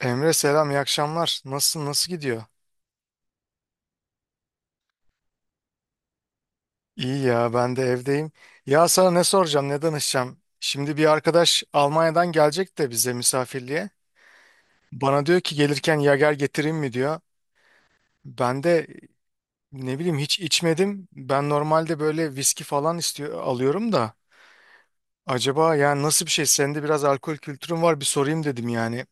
Emre selam, iyi akşamlar. Nasılsın, nasıl gidiyor? İyi ya, ben de evdeyim. Ya sana ne soracağım, ne danışacağım? Şimdi bir arkadaş Almanya'dan gelecek de bize misafirliğe. Bana diyor ki gelirken yager getireyim mi diyor. Ben de ne bileyim, hiç içmedim. Ben normalde böyle viski falan istiyor, alıyorum da. Acaba yani nasıl bir şey? Senin de biraz alkol kültürün var, bir sorayım dedim yani.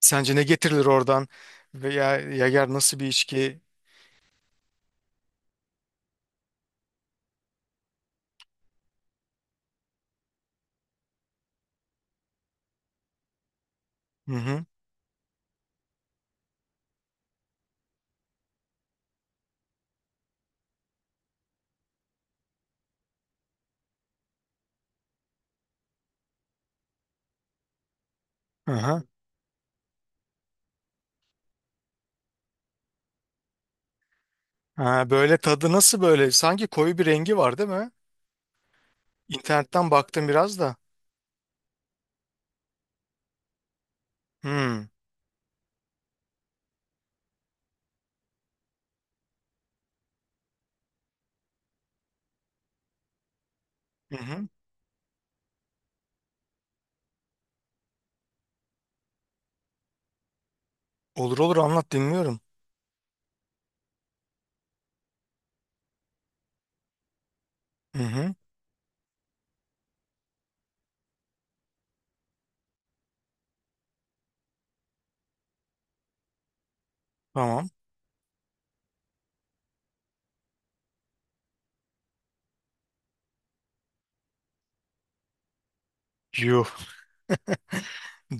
Sence ne getirilir oradan? Veya yager nasıl bir içki? Hı hı. Aha. Ha, böyle tadı nasıl böyle? Sanki koyu bir rengi var, değil mi? İnternetten baktım biraz da. Hmm. Hı hı. Olur olur, anlat, dinliyorum. Hı hı. Tamam. Yuh.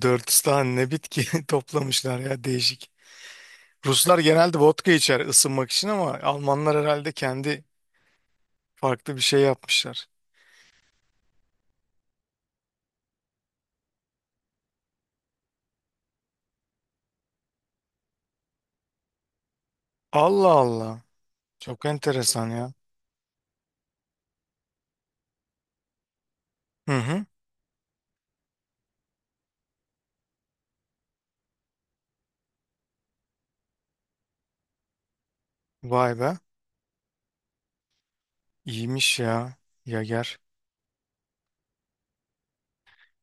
Dört tane ne bitki toplamışlar ya, değişik. Ruslar genelde vodka içer ısınmak için, ama Almanlar herhalde kendi farklı bir şey yapmışlar. Allah Allah. Çok enteresan ya. Hı hı. Vay be. İyiymiş ya. Yager.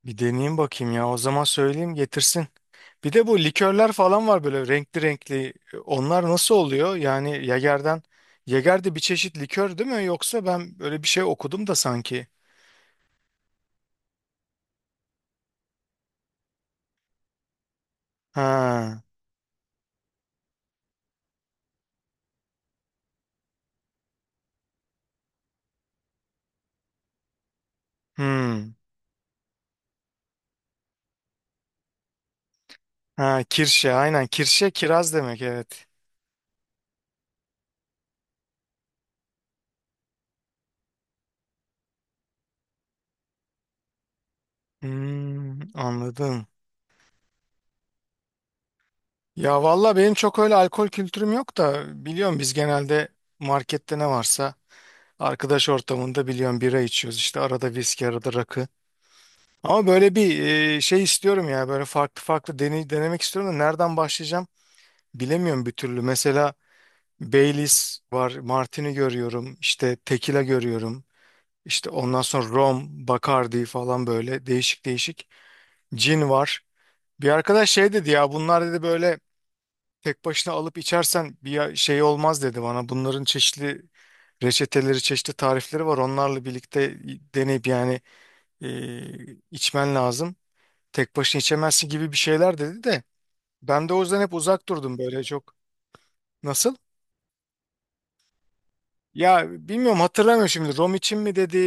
Bir deneyeyim bakayım ya. O zaman söyleyeyim getirsin. Bir de bu likörler falan var böyle renkli renkli. Onlar nasıl oluyor? Yani Yager'den, Yager de bir çeşit likör değil mi? Yoksa ben böyle bir şey okudum da sanki. Ha. Hmm. Ha, kirşe aynen. Kirşe kiraz demek, evet. Hmm, anladım. Ya valla benim çok öyle alkol kültürüm yok da, biliyorum biz genelde markette ne varsa arkadaş ortamında, biliyorum, bira içiyoruz, işte arada viski, arada rakı. Ama böyle bir şey istiyorum ya, böyle farklı farklı deney, denemek istiyorum da nereden başlayacağım bilemiyorum bir türlü. Mesela Baileys var, Martini görüyorum, işte Tequila görüyorum, işte ondan sonra Rom, Bacardi falan, böyle değişik değişik. Gin var. Bir arkadaş şey dedi ya, bunlar dedi, böyle tek başına alıp içersen şey olmaz dedi bana. Bunların çeşitli reçeteleri, çeşitli tarifleri var. Onlarla birlikte deneyip yani, e, içmen lazım. Tek başına içemezsin gibi bir şeyler dedi de, ben de o yüzden hep uzak durdum böyle çok. Nasıl? Ya bilmiyorum, hatırlamıyorum şimdi, rom için mi dedi,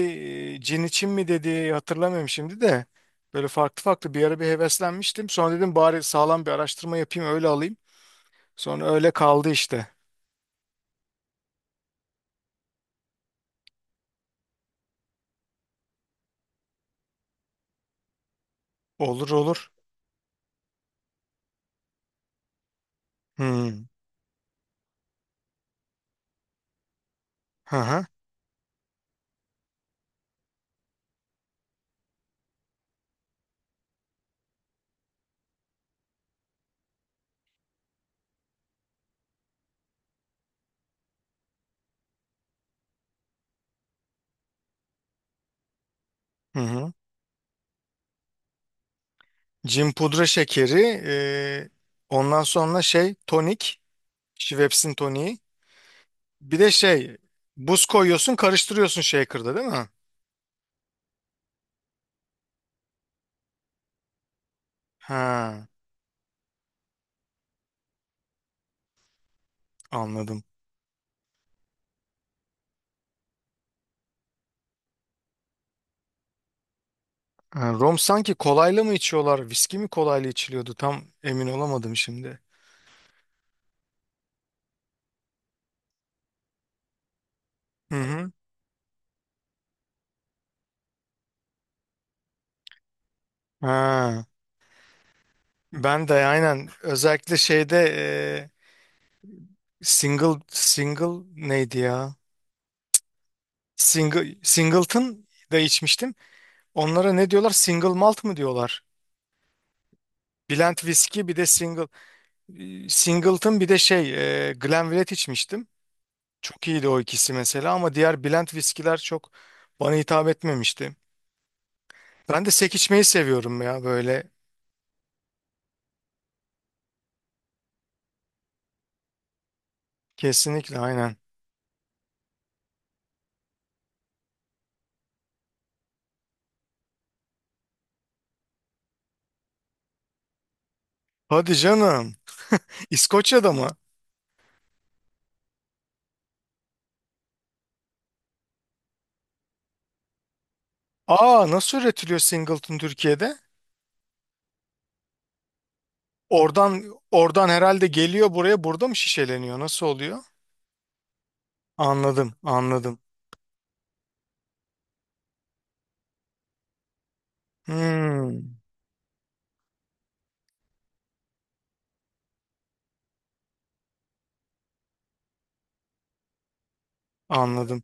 cin için mi dedi, hatırlamıyorum şimdi de. Böyle farklı farklı bir ara bir heveslenmiştim. Sonra dedim bari sağlam bir araştırma yapayım, öyle alayım. Sonra öyle kaldı işte. Olur olur. Hmm. Hı hı. Hı hı. Cin, pudra şekeri, ondan sonra şey, tonik, Schweppes'in toniği. Bir de şey, buz koyuyorsun, karıştırıyorsun shaker'da, değil mi? Ha, anladım. Ha, rom sanki kolayla mı içiyorlar? Viski mi kolayla içiliyordu? Tam emin olamadım şimdi. Hı hı. Ha, ben de aynen, özellikle şeyde, single single neydi ya? Single Singleton da içmiştim. Onlara ne diyorlar? Single malt mı diyorlar? Blend viski bir de single, Singleton, bir de şey, Glenlivet içmiştim. Çok iyiydi o ikisi mesela, ama diğer blend viskiler çok bana hitap etmemişti. Ben de sek içmeyi seviyorum ya böyle. Kesinlikle aynen. Hadi canım. İskoçya'da mı? Aa, nasıl üretiliyor Singleton Türkiye'de? Oradan, oradan herhalde geliyor buraya, burada mı şişeleniyor? Nasıl oluyor? Anladım anladım. Hmm, anladım.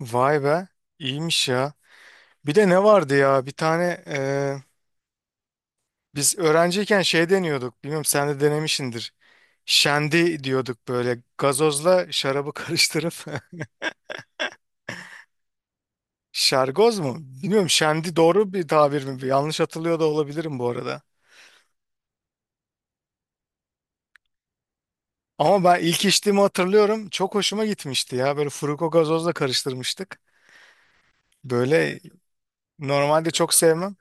Vay be, iyiymiş ya. Bir de ne vardı ya, bir tane biz öğrenciyken şey deniyorduk. Bilmiyorum, sen de denemişsindir. Şendi diyorduk, böyle gazozla şarabı karıştırıp. Şergoz mu? Bilmiyorum, şendi doğru bir tabir mi? Yanlış hatırlıyor da olabilirim bu arada. Ama ben ilk içtiğimi hatırlıyorum. Çok hoşuma gitmişti ya. Böyle furuko gazozla karıştırmıştık. Böyle normalde çok sevmem.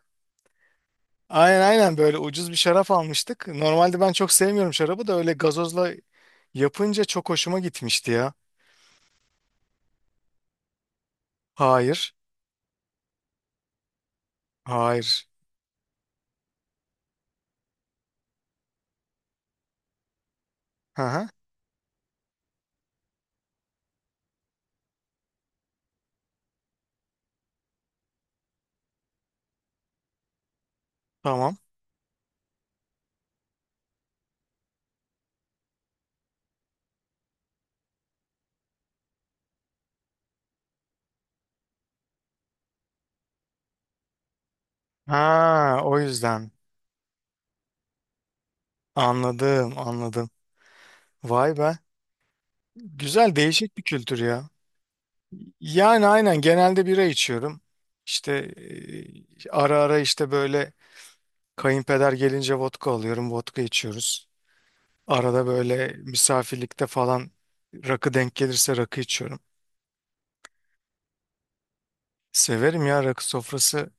Aynen aynen, böyle ucuz bir şarap almıştık. Normalde ben çok sevmiyorum şarabı da, öyle gazozla yapınca çok hoşuma gitmişti ya. Hayır. Hayır. Hı hı. Tamam. Ha, o yüzden. Anladım anladım. Vay be. Güzel, değişik bir kültür ya. Yani aynen, genelde bira içiyorum. İşte ara ara, işte böyle kayınpeder gelince vodka alıyorum, vodka içiyoruz. Arada böyle misafirlikte falan rakı denk gelirse rakı içiyorum. Severim ya, rakı sofrası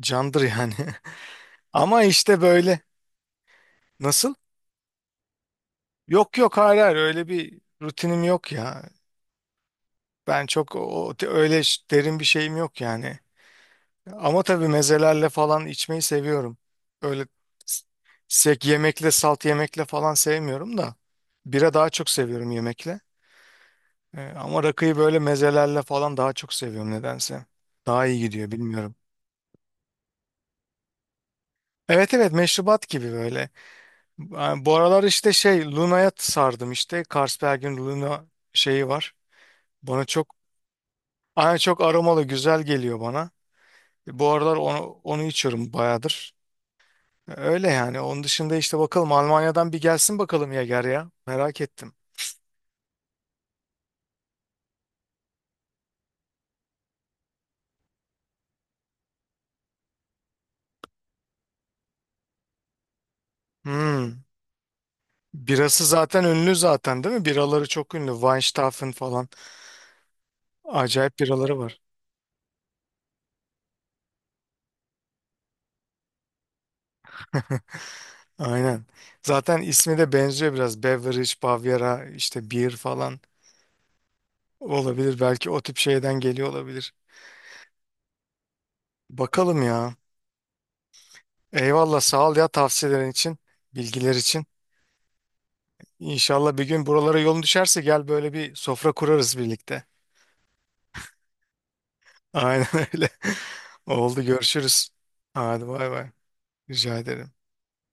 candır yani. Ama işte böyle, nasıl? Yok yok, hayır hayır, öyle bir rutinim yok ya. Ben çok o, öyle derin bir şeyim yok yani. Ama tabii mezelerle falan içmeyi seviyorum. Öyle s- sek yemekle, salt yemekle falan sevmiyorum da. Bira daha çok seviyorum yemekle. Ama rakıyı böyle mezelerle falan daha çok seviyorum nedense. Daha iyi gidiyor, bilmiyorum. Evet evet, meşrubat gibi böyle. Yani bu aralar işte şey, Luna'ya sardım işte. Carlsberg'in Luna şeyi var. Bana çok aynı, çok aromalı, güzel geliyor bana. Bu aralar onu, onu içiyorum bayağıdır. Öyle yani. Onun dışında işte bakalım, Almanya'dan bir gelsin bakalım Yager ya. Merak ettim. Hmm. Birası zaten ünlü zaten, değil mi? Biraları çok ünlü. Weinstaphen falan. Acayip biraları var. Aynen. Zaten ismi de benziyor biraz. Beverage, Bavyera, işte beer falan olabilir. Belki o tip şeyden geliyor olabilir. Bakalım ya. Eyvallah, sağ ol ya tavsiyelerin için, bilgiler için. İnşallah bir gün buralara yolun düşerse gel, böyle bir sofra kurarız birlikte. Aynen öyle. Oldu, görüşürüz. Hadi bay bay. Rica ederim.